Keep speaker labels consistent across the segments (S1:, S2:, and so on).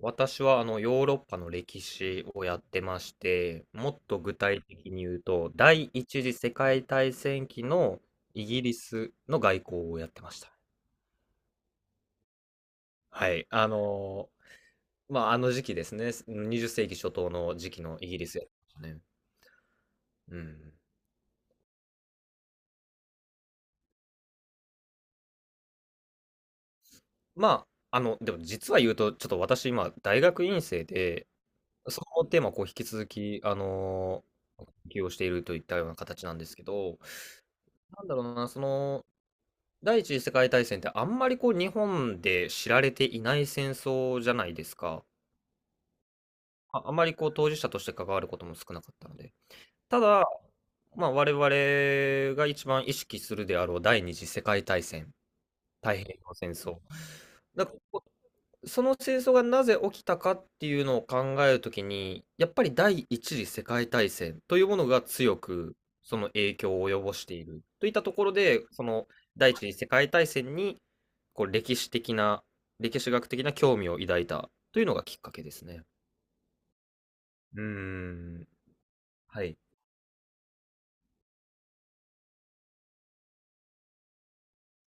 S1: 私はあのヨーロッパの歴史をやってまして、もっと具体的に言うと、第一次世界大戦期のイギリスの外交をやってました。はい。まあ、あの時期ですね。20世紀初頭の時期のイギリスやってましたね。うん。まあ、でも実は言うと、ちょっと私今、大学院生で、そのテーマをこう引き続き、ー、研究をしているといったような形なんですけど、なんだろうな、第一次世界大戦ってあんまりこう日本で知られていない戦争じゃないですか。あ、あまりこう当事者として関わることも少なかったので。ただ、まあ我々が一番意識するであろう第二次世界大戦、太平洋戦争。だからその戦争がなぜ起きたかっていうのを考えるときに、やっぱり第一次世界大戦というものが強くその影響を及ぼしているといったところで、その第一次世界大戦にこう歴史的な、歴史学的な興味を抱いたというのがきっかけですね。うーん、はい。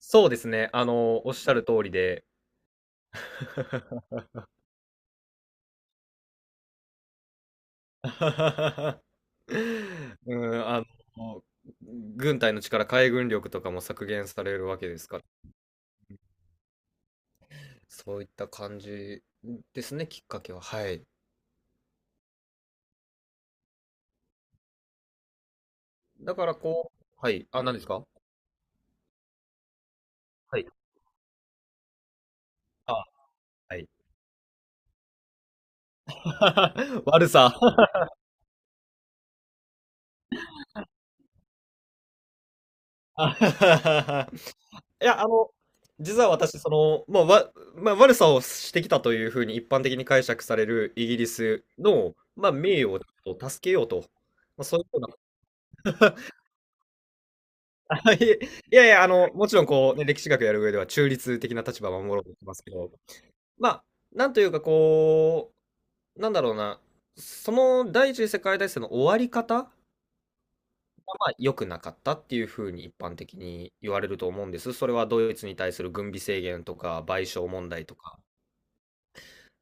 S1: そうですね。おっしゃる通りで。うん、の、軍隊の力、海軍力とかも削減されるわけですから、そういった感じですね、きっかけは。はい。だからこう、はい。あ、何ですか？はい。あ、はい。悪さ。あ いや、実は私まあ、悪さをしてきたというふうに一般的に解釈されるイギリスの、まあ、名誉をちょっと助けようと、まあ、そういうような、いいやいや、もちろんこうね、歴史学やる上では中立的な立場を守ろうとしますけど、まあ、なんというかこう、なんだろうな、その第一次世界大戦の終わり方がまあ良くなかったっていうふうに一般的に言われると思うんです。それはドイツに対する軍備制限とか賠償問題とか。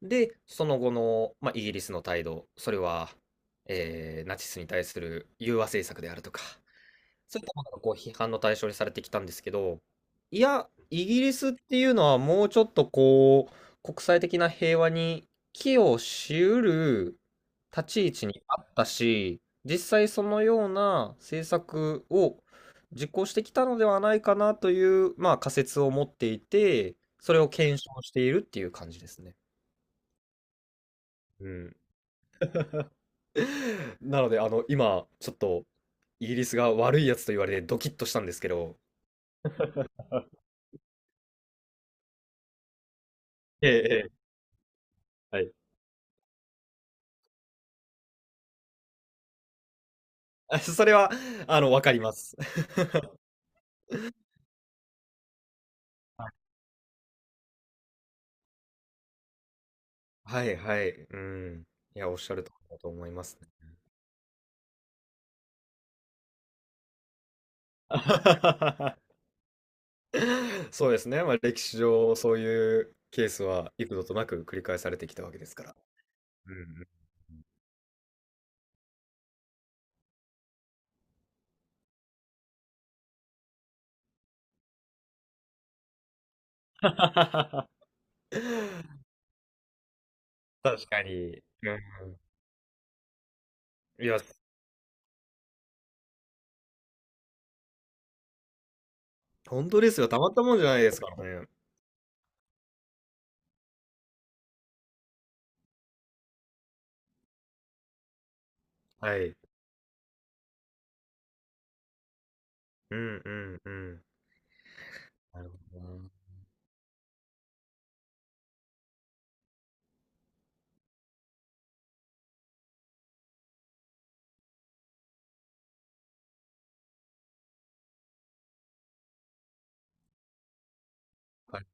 S1: で、その後の、まあ、イギリスの態度、それは、ナチスに対する融和政策であるとか。そういったものがこう批判の対象にされてきたんですけど、いや、イギリスっていうのはもうちょっとこう、国際的な平和に寄与しうる立ち位置にあったし、実際そのような政策を実行してきたのではないかなという、まあ仮説を持っていて、それを検証しているっていう感じですね。うん。なので、今、ちょっと、イギリスが悪いやつと言われてドキッとしたんですけど、ええ、ええはい。 あ、それは、わかります。はいはい。うん。いや、おっしゃるとりだと思いますね。そうですね。まあ、歴史上、そういうケースは幾度となく繰り返されてきたわけですから。うんうん。確かに。うん、いや、本当ですよ。たまったもんじゃないですからね。はい。うんうんうん。なるほどな。はい。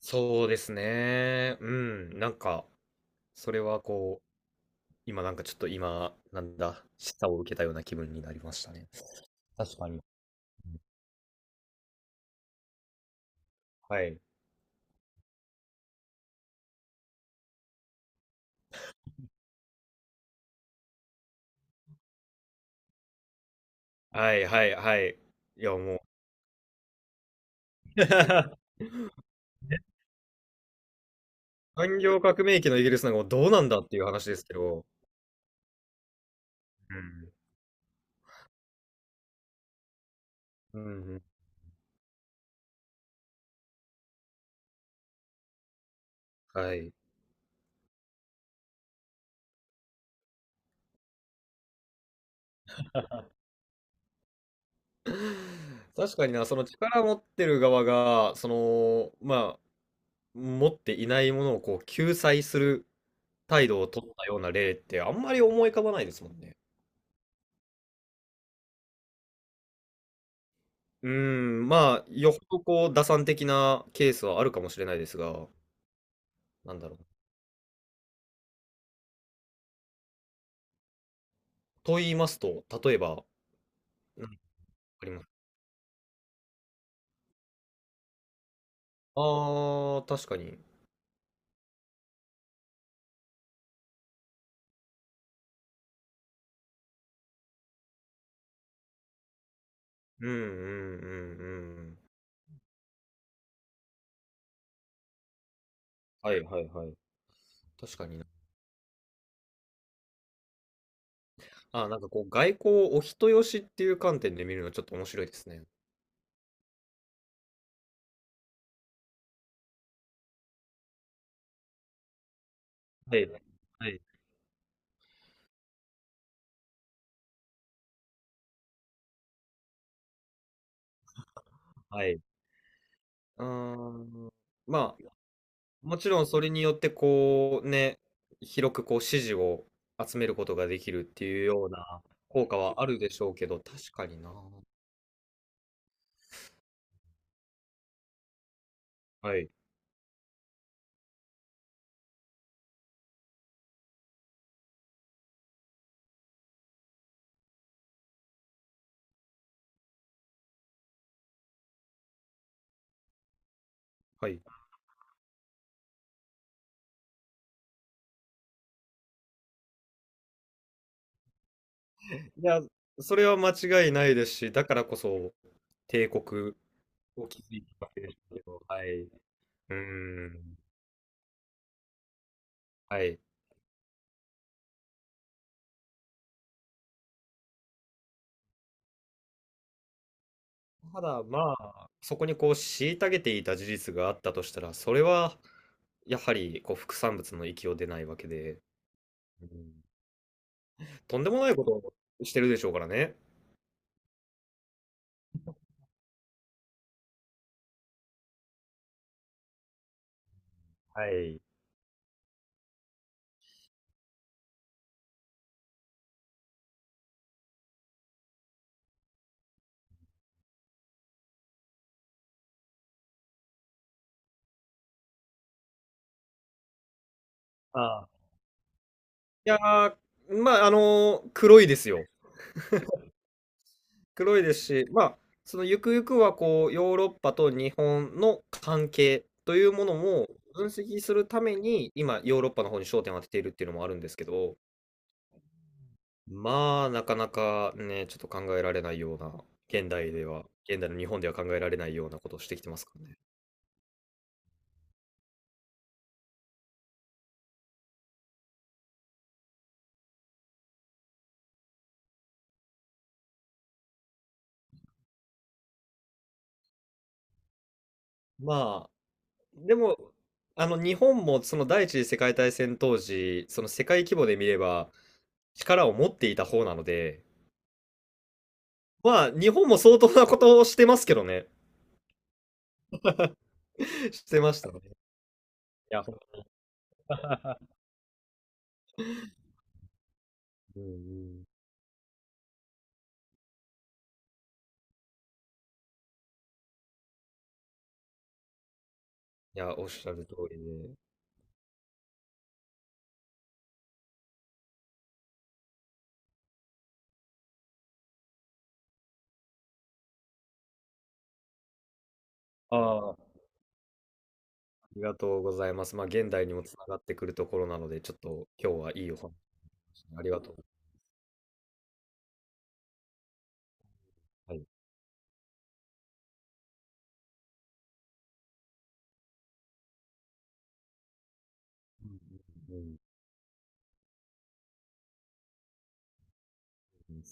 S1: そうですね。うん。なんか、それはこう、今なんかちょっと今、なんだ、示唆を受けたような気分になりましたね。確かに。はい。はいはいはい。いやもう。 産業革命期のイギリスなんかもうどうなんだっていう話ですけど。うん。うんうん。はい。確かにな、その力持ってる側が、その、まあ、持っていないものをこう救済する態度を取ったような例ってあんまり思い浮かばないですもんね。うーん、まあ、よほどこう、打算的なケースはあるかもしれないですが、なんだろう。と言いますと、例えば、何かあります。ああー、確かに。うんうんうんうん。はいはいはい。確かにな。あー、なんかこう、外交をお人よしっていう観点で見るのちょっと面白いですね。はい。はい。はい。うーん。まあ、もちろんそれによってこう、ね、広くこう、支持を集めることができるっていうような効果はあるでしょうけど、確かにな。はい。はい。いや、それは間違いないですし、だからこそ帝国を築いたわけですけど、はい。うーん。はい。ただ、まあ、そこにこう、虐げていた事実があったとしたら、それは、やはり、こう、副産物の域を出ないわけで、うん、とんでもないことをしてるでしょうからね。はい。ああ。いやー、まあ、黒いですよ。黒いですし、まあ、そのゆくゆくはこう、ヨーロッパと日本の関係というものも分析するために、今ヨーロッパの方に焦点を当てているっていうのもあるんですけど、まあ、なかなかね、ちょっと考えられないような、現代では、現代の日本では考えられないようなことをしてきてますからね。まあ、でも、日本もその第一次世界大戦当時、その世界規模で見れば、力を持っていた方なので、まあ、日本も相当なことをしてますけどね。してましたね。いや、ほん。 うんうん、いや、おっしゃる通りで、ああ、ありがとうございます。まあ、現代にもつながってくるところなので、ちょっと今日はいいお話でしたありがとう。はい。うんうんうん。